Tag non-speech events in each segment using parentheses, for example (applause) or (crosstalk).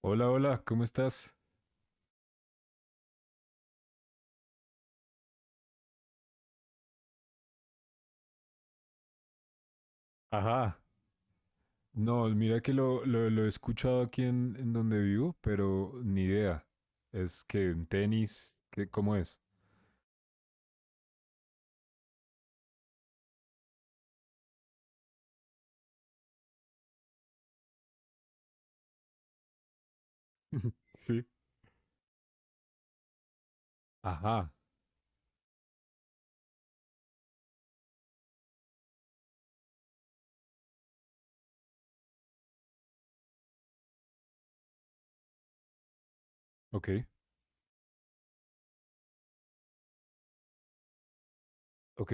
Hola, hola, ¿cómo estás? Ajá. No, mira que lo he escuchado aquí en donde vivo, pero ni idea. Es que en tenis, ¿ cómo es? (laughs) Sí. Ajá, ok, ok.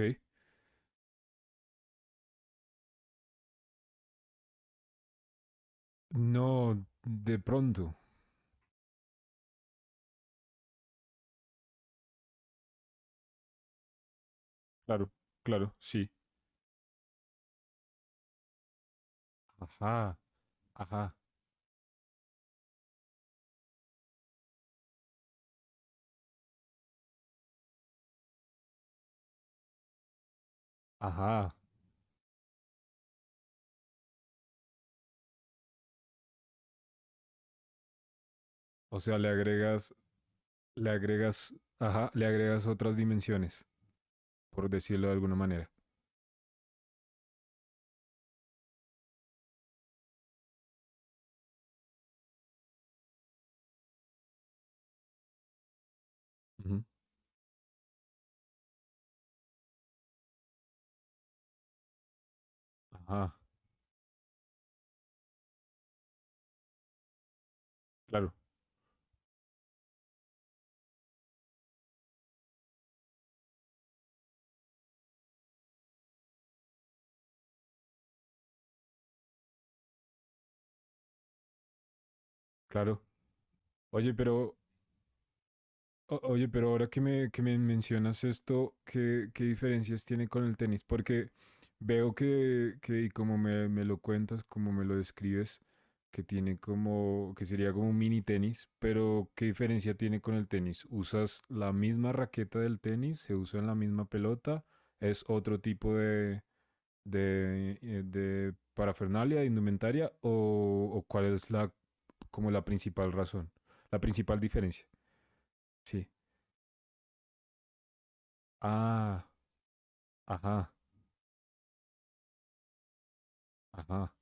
No, de pronto. Claro, claro, sí. Ajá, ajá, ajá. O sea, le agregas, ajá, le agregas otras dimensiones, por decirlo de alguna manera. Ujú. Ajá, claro, claro. Oye, pero Oye, pero ahora que me mencionas esto, ¿ qué diferencias tiene con el tenis? Porque veo que como me lo cuentas, como me lo describes, que tiene como, que sería como un mini tenis, pero ¿qué diferencia tiene con el tenis? ¿Usas la misma raqueta del tenis? ¿Se usa en la misma pelota? ¿Es otro tipo de parafernalia, de indumentaria? O cuál es como la principal razón? La principal diferencia, sí. Ah, ajá, ajá,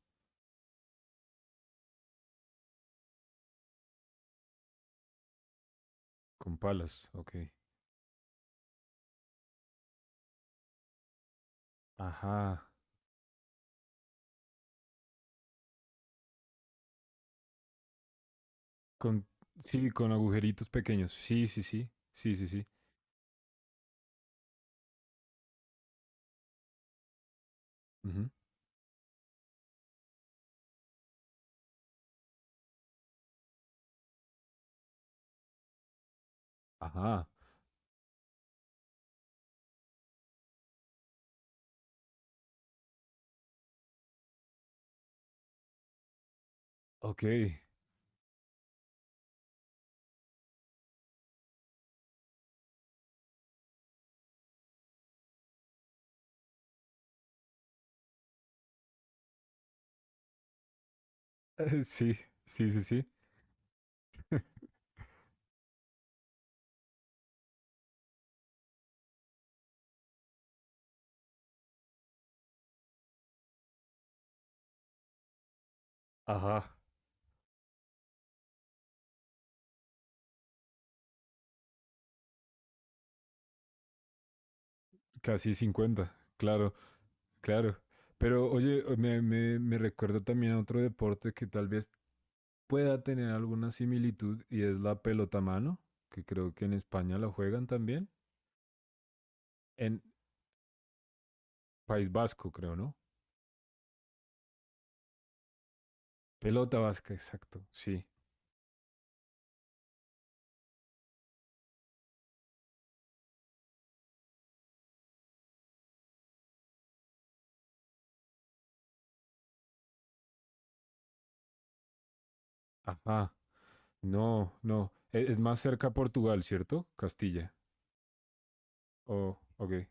con palas, ok. Ajá, con, sí, con agujeritos pequeños. Sí, sí, sí, sí, sí, sí. Ujú, ajá, ok. (laughs) Eh, sí, sí, sí, sí. Ajá, casi cincuenta, claro, claro. Pero oye, me recuerda también a otro deporte que tal vez pueda tener alguna similitud y es la pelota mano, que creo que en España la juegan también. En País Vasco, creo, ¿no? Pelota vasca, exacto, sí. Ajá. No, no. Es más cerca a Portugal, ¿cierto? Castilla. Oh, ok,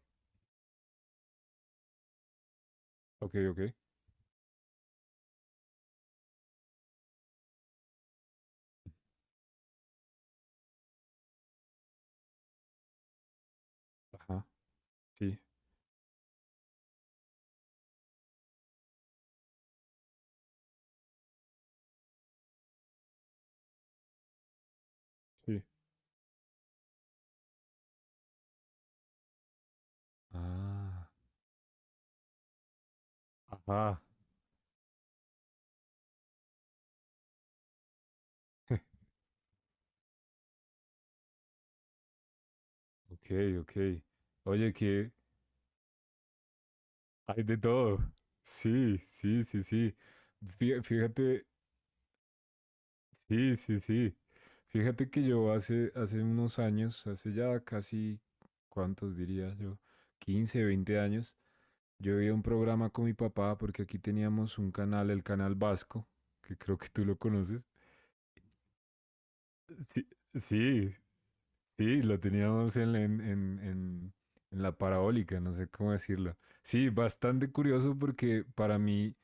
ok, ok. Ajá, sí, sí. Ah, ajá. (laughs) Ok, ok. Oye, que hay de todo. Sí, sí, sí, sí. Fíjate, sí, sí, sí. Fíjate que yo hace unos años, hace ya casi, ¿cuántos diría yo? Quince, 20 años. Yo vi un programa con mi papá porque aquí teníamos un canal, el canal Vasco, que creo que tú lo conoces. Sí, sí, sí, lo teníamos en la parabólica, no sé cómo decirlo. Sí, bastante curioso porque para mí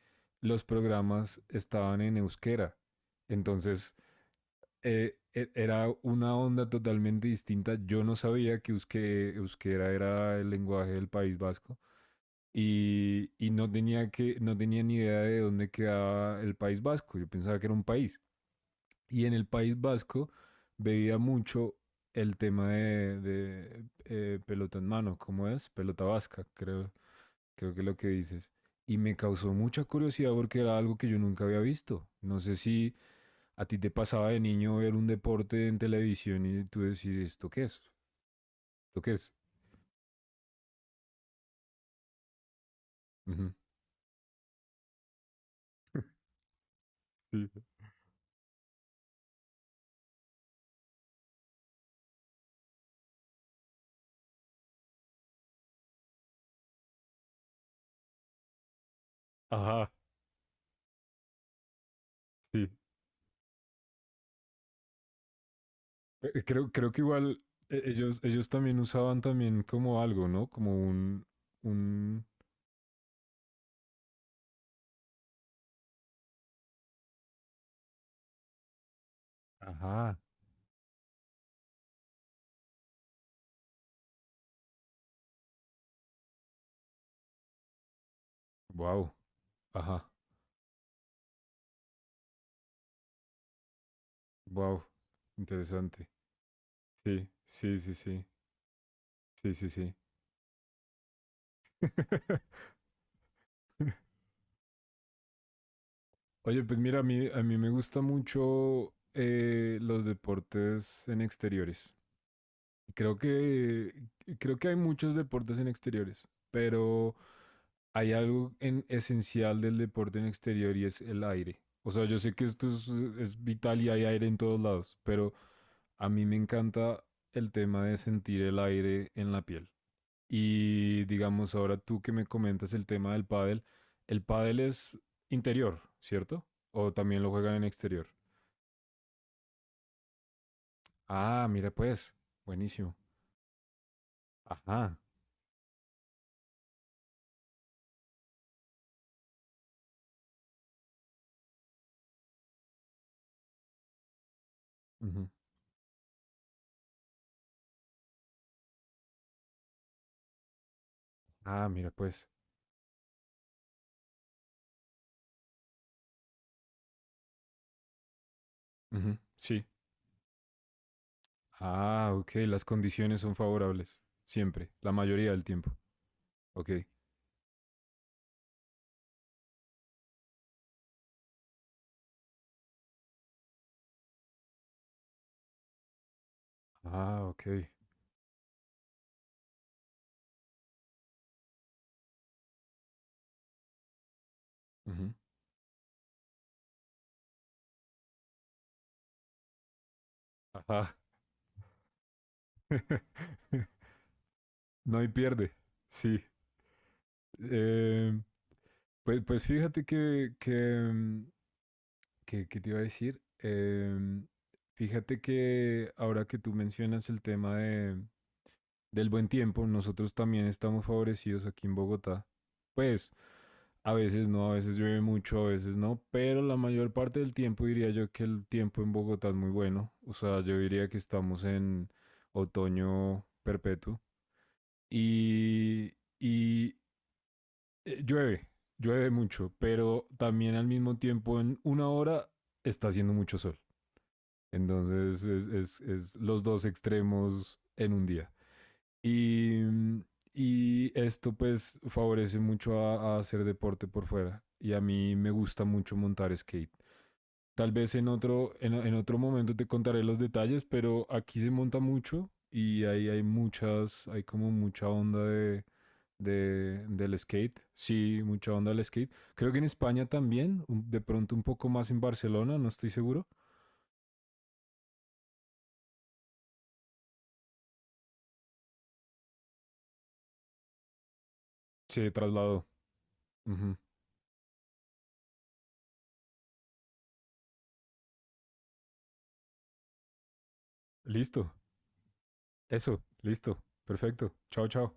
los programas estaban en euskera. Entonces, era una onda totalmente distinta. Yo no sabía que euskera era el lenguaje del País Vasco, y no tenía no tenía ni idea de dónde quedaba el País Vasco. Yo pensaba que era un país. Y en el País Vasco veía mucho el tema pelota en mano, ¿cómo es? Pelota vasca, creo, creo que es lo que dices. Y me causó mucha curiosidad porque era algo que yo nunca había visto. No sé si a ti te pasaba de niño ver un deporte en televisión y tú decís, ¿esto qué es? ¿Esto qué es? Uh -huh. sí. Ajá, sí. Creo, creo que igual ellos, ellos también usaban también como algo, ¿no? Como un, ajá, wow, ajá, wow, interesante. Sí, sí, sí, sí, sí, sí, sí. (laughs) Oye, pues mira, a mí me gusta mucho los deportes en exteriores. Creo que, creo que hay muchos deportes en exteriores, pero hay algo en esencial del deporte en exterior y es el aire. O sea, yo sé que esto es vital y hay aire en todos lados, pero a mí me encanta el tema de sentir el aire en la piel. Y digamos, ahora tú que me comentas el tema del pádel, el pádel es interior, ¿cierto? O también lo juegan en exterior. Ah, mira pues, buenísimo. Ajá. Ujú. Ah, mira pues. Ujú, sí. Ah, ok. Las condiciones son favorables. Siempre. La mayoría del tiempo. Ok. Ah, ok. Ujú. Ajá. (laughs) No hay pierde. Sí. Eh, pues, pues fíjate mm, que te iba a decir. Fíjate que ahora que tú mencionas el tema del buen tiempo, nosotros también estamos favorecidos aquí en Bogotá. Pues a veces no, a veces llueve mucho, a veces no, pero la mayor parte del tiempo diría yo que el tiempo en Bogotá es muy bueno. O sea, yo diría que estamos en otoño perpetuo. Y, y llueve, llueve mucho, pero también al mismo tiempo en una hora está haciendo mucho sol. Entonces es los dos extremos en un día. Y, y esto pues favorece mucho a hacer deporte por fuera. Y a mí me gusta mucho montar skate. Tal vez en otro, en otro momento te contaré los detalles, pero aquí se monta mucho y ahí hay muchas, hay como mucha onda del skate. Sí, mucha onda del skate. Creo que en España también, de pronto un poco más en Barcelona, no estoy seguro. Se trasladó. Ujú. Listo. Eso, listo. Perfecto. Chao, chao.